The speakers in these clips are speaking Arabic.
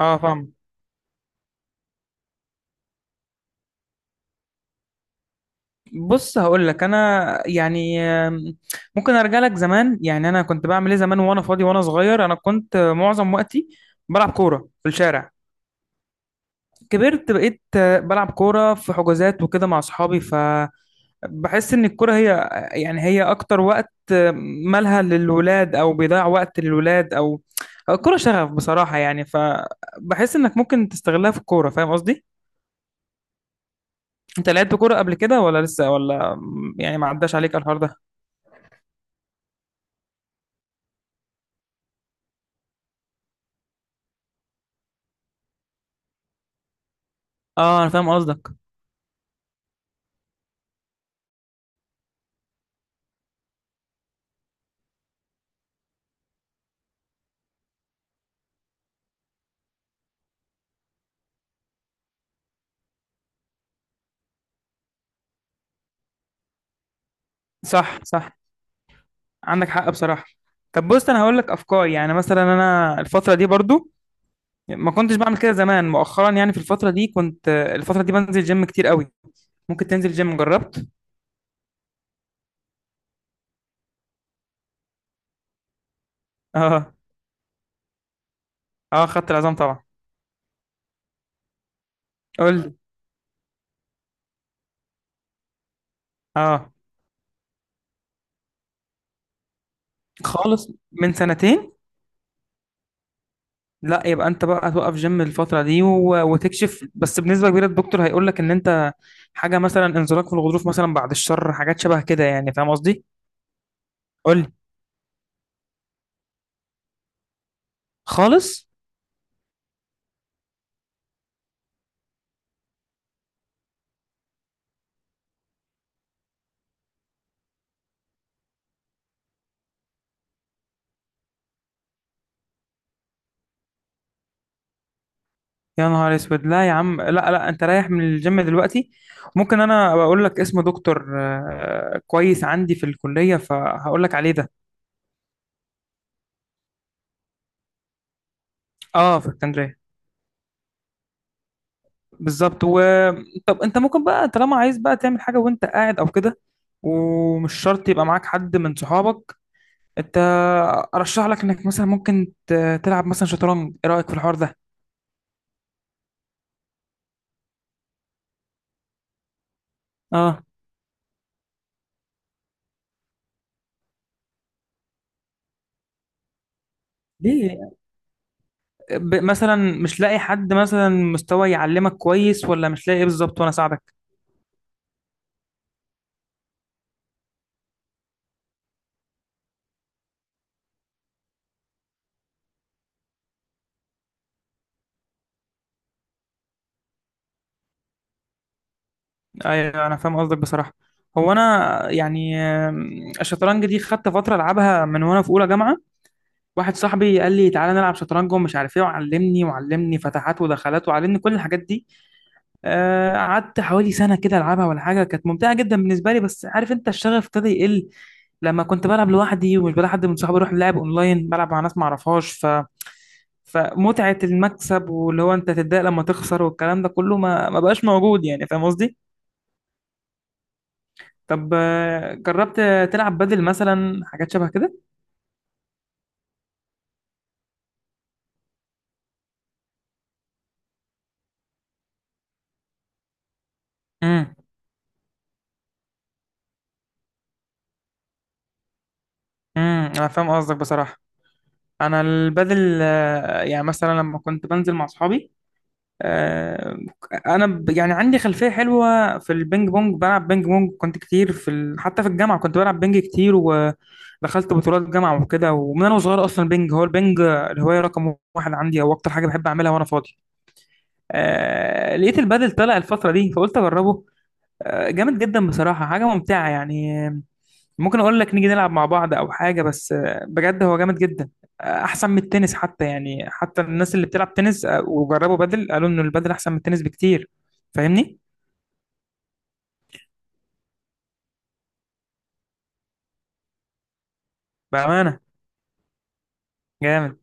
اه، فاهم. بص هقول لك انا يعني ممكن ارجع لك زمان. يعني انا كنت بعمل ايه زمان وانا فاضي وانا صغير. انا كنت معظم وقتي بلعب كوره في الشارع. كبرت بقيت بلعب كوره في حجوزات وكده مع اصحابي. فبحس ان الكوره هي يعني هي اكتر وقت، مالها للولاد او بيضيع وقت للولاد، او أو الكوره شغف بصراحه. يعني فبحس انك ممكن تستغلها في الكوره، فاهم قصدي؟ انت لعبت كوره قبل كده ولا لسه ولا يعني؟ ما عداش عليك الحوار ده. اه، انا فاهم قصدك. صح، صح، عندك حق بصراحه. طب بص، انا هقول لك افكار. يعني مثلا انا الفتره دي برضو ما كنتش بعمل كده زمان. مؤخرا يعني في الفتره دي كنت الفتره دي بنزل جيم كتير قوي. ممكن تنزل جيم. جربت؟ اه. اه، خدت العظام طبعا. قول لي. اه. خالص. من سنتين؟ لا، يبقى انت بقى توقف جيم الفتره دي وتكشف. بس بنسبه كبيره الدكتور هيقول لك ان انت حاجه مثلا انزلاق في الغضروف مثلا، بعد الشر، حاجات شبه كده. يعني فاهم قصدي؟ قول لي. خالص. يا نهار اسود! لا يا عم، لا لا، انت رايح من الجيم دلوقتي. ممكن انا بقول لك اسم دكتور كويس عندي في الكلية، فهقول لك عليه ده. اه، في اسكندرية بالظبط. و طب انت ممكن بقى طالما عايز بقى تعمل حاجة وانت قاعد او كده، ومش شرط يبقى معاك حد من صحابك. انت ارشح لك انك مثلا ممكن تلعب مثلا شطرنج. ايه رأيك في الحوار ده؟ اه. ليه؟ مثلا مش لاقي حد مثلا مستوى يعلمك كويس، ولا مش لاقي ايه بالظبط وانا اساعدك؟ ايوه انا فاهم قصدك بصراحه. هو انا يعني الشطرنج دي خدت فتره العبها من وانا في اولى جامعه. واحد صاحبي قال لي تعالى نلعب شطرنج ومش عارف ايه، وعلمني وعلمني فتحات ودخلات، وعلمني كل الحاجات دي. قعدت حوالي سنه كده العبها ولا حاجه. كانت ممتعه جدا بالنسبه لي، بس عارف انت الشغف ابتدى يقل. لما كنت بلعب لوحدي ومش بلاقي حد من صحابي اروح لعب اونلاين، بلعب مع ناس ما اعرفهاش ف فمتعه المكسب واللي هو انت تتضايق لما تخسر والكلام ده كله ما بقاش موجود. يعني فاهم قصدي؟ طب جربت تلعب بدل مثلا، حاجات شبه كده؟ امم. امم، انا فاهم قصدك بصراحه. انا البدل، يعني مثلا لما كنت بنزل مع اصحابي، آه، انا يعني عندي خلفيه حلوه في البينج بونج. بلعب بينج بونج كنت كتير في حتى في الجامعه كنت بلعب بينج كتير، ودخلت بطولات جامعه وكده. ومن انا صغير اصلا بينج، هو البينج الهوايه رقم واحد عندي، او اكتر حاجه بحب اعملها وانا فاضي. لقيت البدل طلع الفتره دي فقلت اجربه. جامد جدا بصراحه، حاجه ممتعه يعني. ممكن اقول لك نيجي نلعب مع بعض او حاجه. بس بجد هو جامد جدا. احسن من التنس حتى. يعني حتى الناس اللي بتلعب تنس وجربوا بدل قالوا ان البدل احسن من التنس بكتير. فاهمني؟ بامانه. جامد.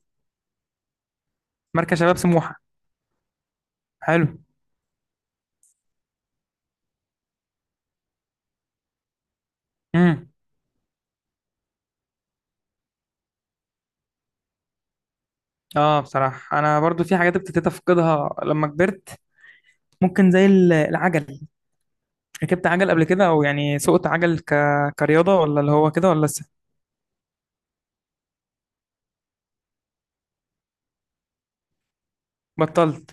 مركز شباب سموحه. حلو. امم. اه بصراحه، انا برضو في حاجات ابتديت افقدها لما كبرت. ممكن زي العجل. ركبت عجل قبل كده، او يعني سوقت عجل كرياضه ولا اللي هو كده ولا لسه بطلت؟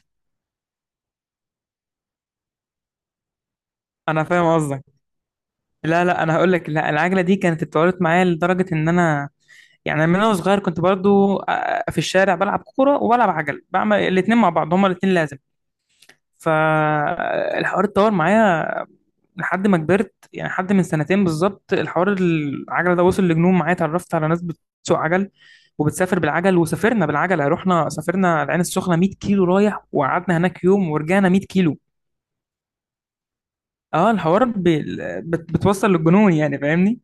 انا فاهم قصدك. لا لا، انا هقول لك. لا العجله دي كانت اتطورت معايا لدرجه ان انا يعني من وانا صغير كنت برضو في الشارع بلعب كوره وبلعب عجل، بعمل الاتنين مع بعض، هما الاتنين لازم. فالحوار اتطور معايا لحد ما كبرت. يعني حد من سنتين بالظبط الحوار العجله ده وصل لجنون معايا. اتعرفت على ناس بتسوق عجل وبتسافر بالعجل، وسافرنا بالعجله. رحنا سافرنا العين السخنه 100 كيلو رايح، وقعدنا هناك يوم، ورجعنا 100 كيلو. اه الحوار بتوصل للجنون. يعني فاهمني؟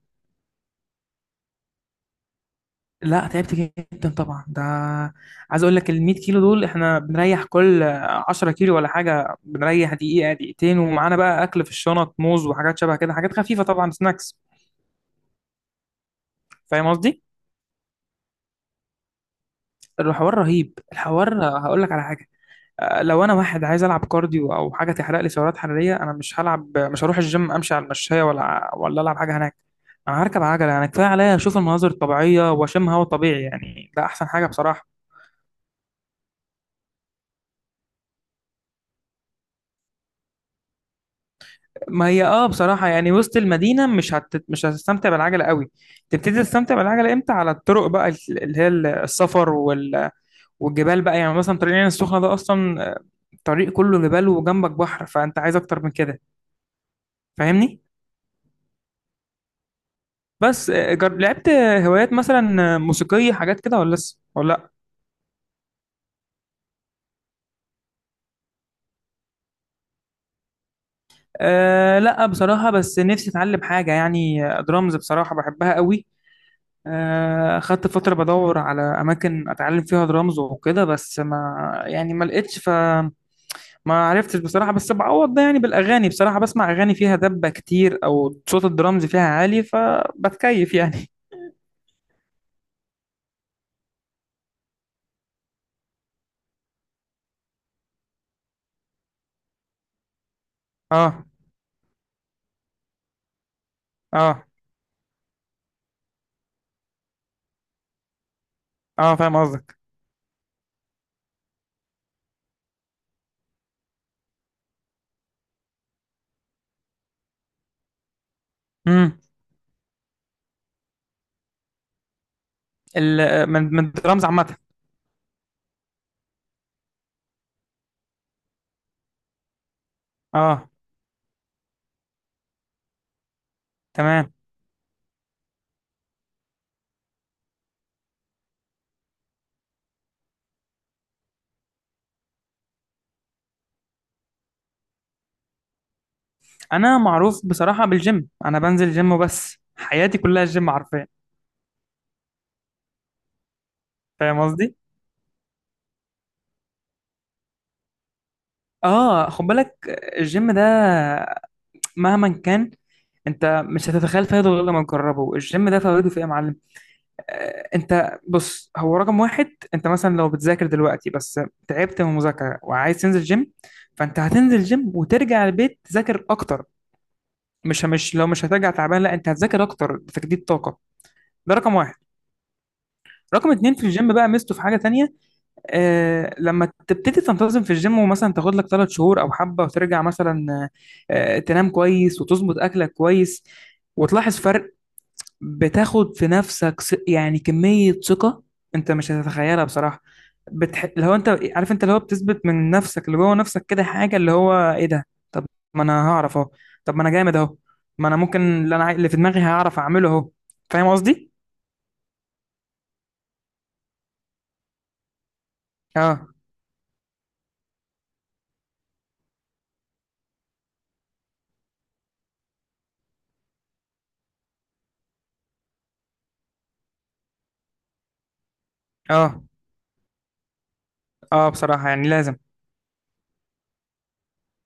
لا تعبت جدا طبعا. ده عايز اقول لك ال 100 كيلو دول احنا بنريح كل 10 كيلو ولا حاجه، بنريح دقيقه دقيقتين، ومعانا بقى اكل في الشنط، موز وحاجات شبه كده، حاجات خفيفه طبعا، سناكس. فاهم قصدي؟ الحوار رهيب. الحوار هقول لك على حاجه. لو انا واحد عايز العب كارديو او حاجه تحرق لي سعرات حراريه، انا مش هلعب، مش هروح الجيم امشي على المشايه ولا ولا العب حاجه هناك. انا هركب عجله. انا كفايه عليا اشوف المناظر الطبيعيه واشم هواء طبيعي. يعني ده احسن حاجه بصراحه. ما هي اه بصراحة يعني وسط المدينة مش هتستمتع بالعجلة قوي. تبتدي تستمتع بالعجلة امتى؟ على الطرق بقى، اللي هي السفر والجبال بقى. يعني مثلا طريق العين السخنة ده أصلا طريق كله جبال وجنبك بحر، فأنت عايز أكتر من كده؟ فاهمني؟ بس لعبت هوايات مثلا موسيقية، حاجات كده ولا لسه؟ ولا لأ؟ أه لا بصراحة. بس نفسي أتعلم حاجة. يعني درامز بصراحة بحبها قوي. خدت فترة بدور على أماكن أتعلم فيها درامز وكده، بس ما يعني ما لقيتش، فما عرفتش بصراحة. بس بعوض ده يعني بالأغاني. بصراحة بسمع أغاني فيها دبة كتير، أو صوت الدرامز فيها عالي، فبتكيف يعني. اه. اه. اه فاهم قصدك. امم. من الدرامز عامة. اه. تمام. أنا معروف بصراحة بالجيم. أنا بنزل جيم وبس، حياتي كلها الجيم حرفيا. فاهم قصدي؟ اه خد بالك، الجيم ده مهما كان، انت مش هتتخيل فايده غير لما تجربه. الجيم ده فايده في ايه يا معلم؟ انت بص، هو رقم واحد، انت مثلا لو بتذاكر دلوقتي بس تعبت من المذاكره وعايز تنزل جيم، فانت هتنزل جيم وترجع البيت تذاكر اكتر. مش لو مش هترجع تعبان، لا انت هتذاكر اكتر، تجديد طاقه. ده رقم واحد. رقم اتنين في الجيم بقى ميزته في حاجه تانية. آه لما تبتدي تنتظم في الجيم ومثلا تاخد لك ثلاث شهور او حبه وترجع مثلا، تنام كويس وتظبط اكلك كويس وتلاحظ فرق. بتاخد في نفسك يعني كمية ثقة انت مش هتتخيلها بصراحة. لو انت عارف، انت اللي هو بتثبت من نفسك، اللي جوه نفسك كده حاجة اللي هو ايه ده؟ طب ما انا هعرف اهو. طب ما انا جامد اهو. ما انا ممكن اللي انا اللي في دماغي هعرف اعمله اهو. فاهم قصدي؟ اه. اه. اه بصراحة يعني لازم.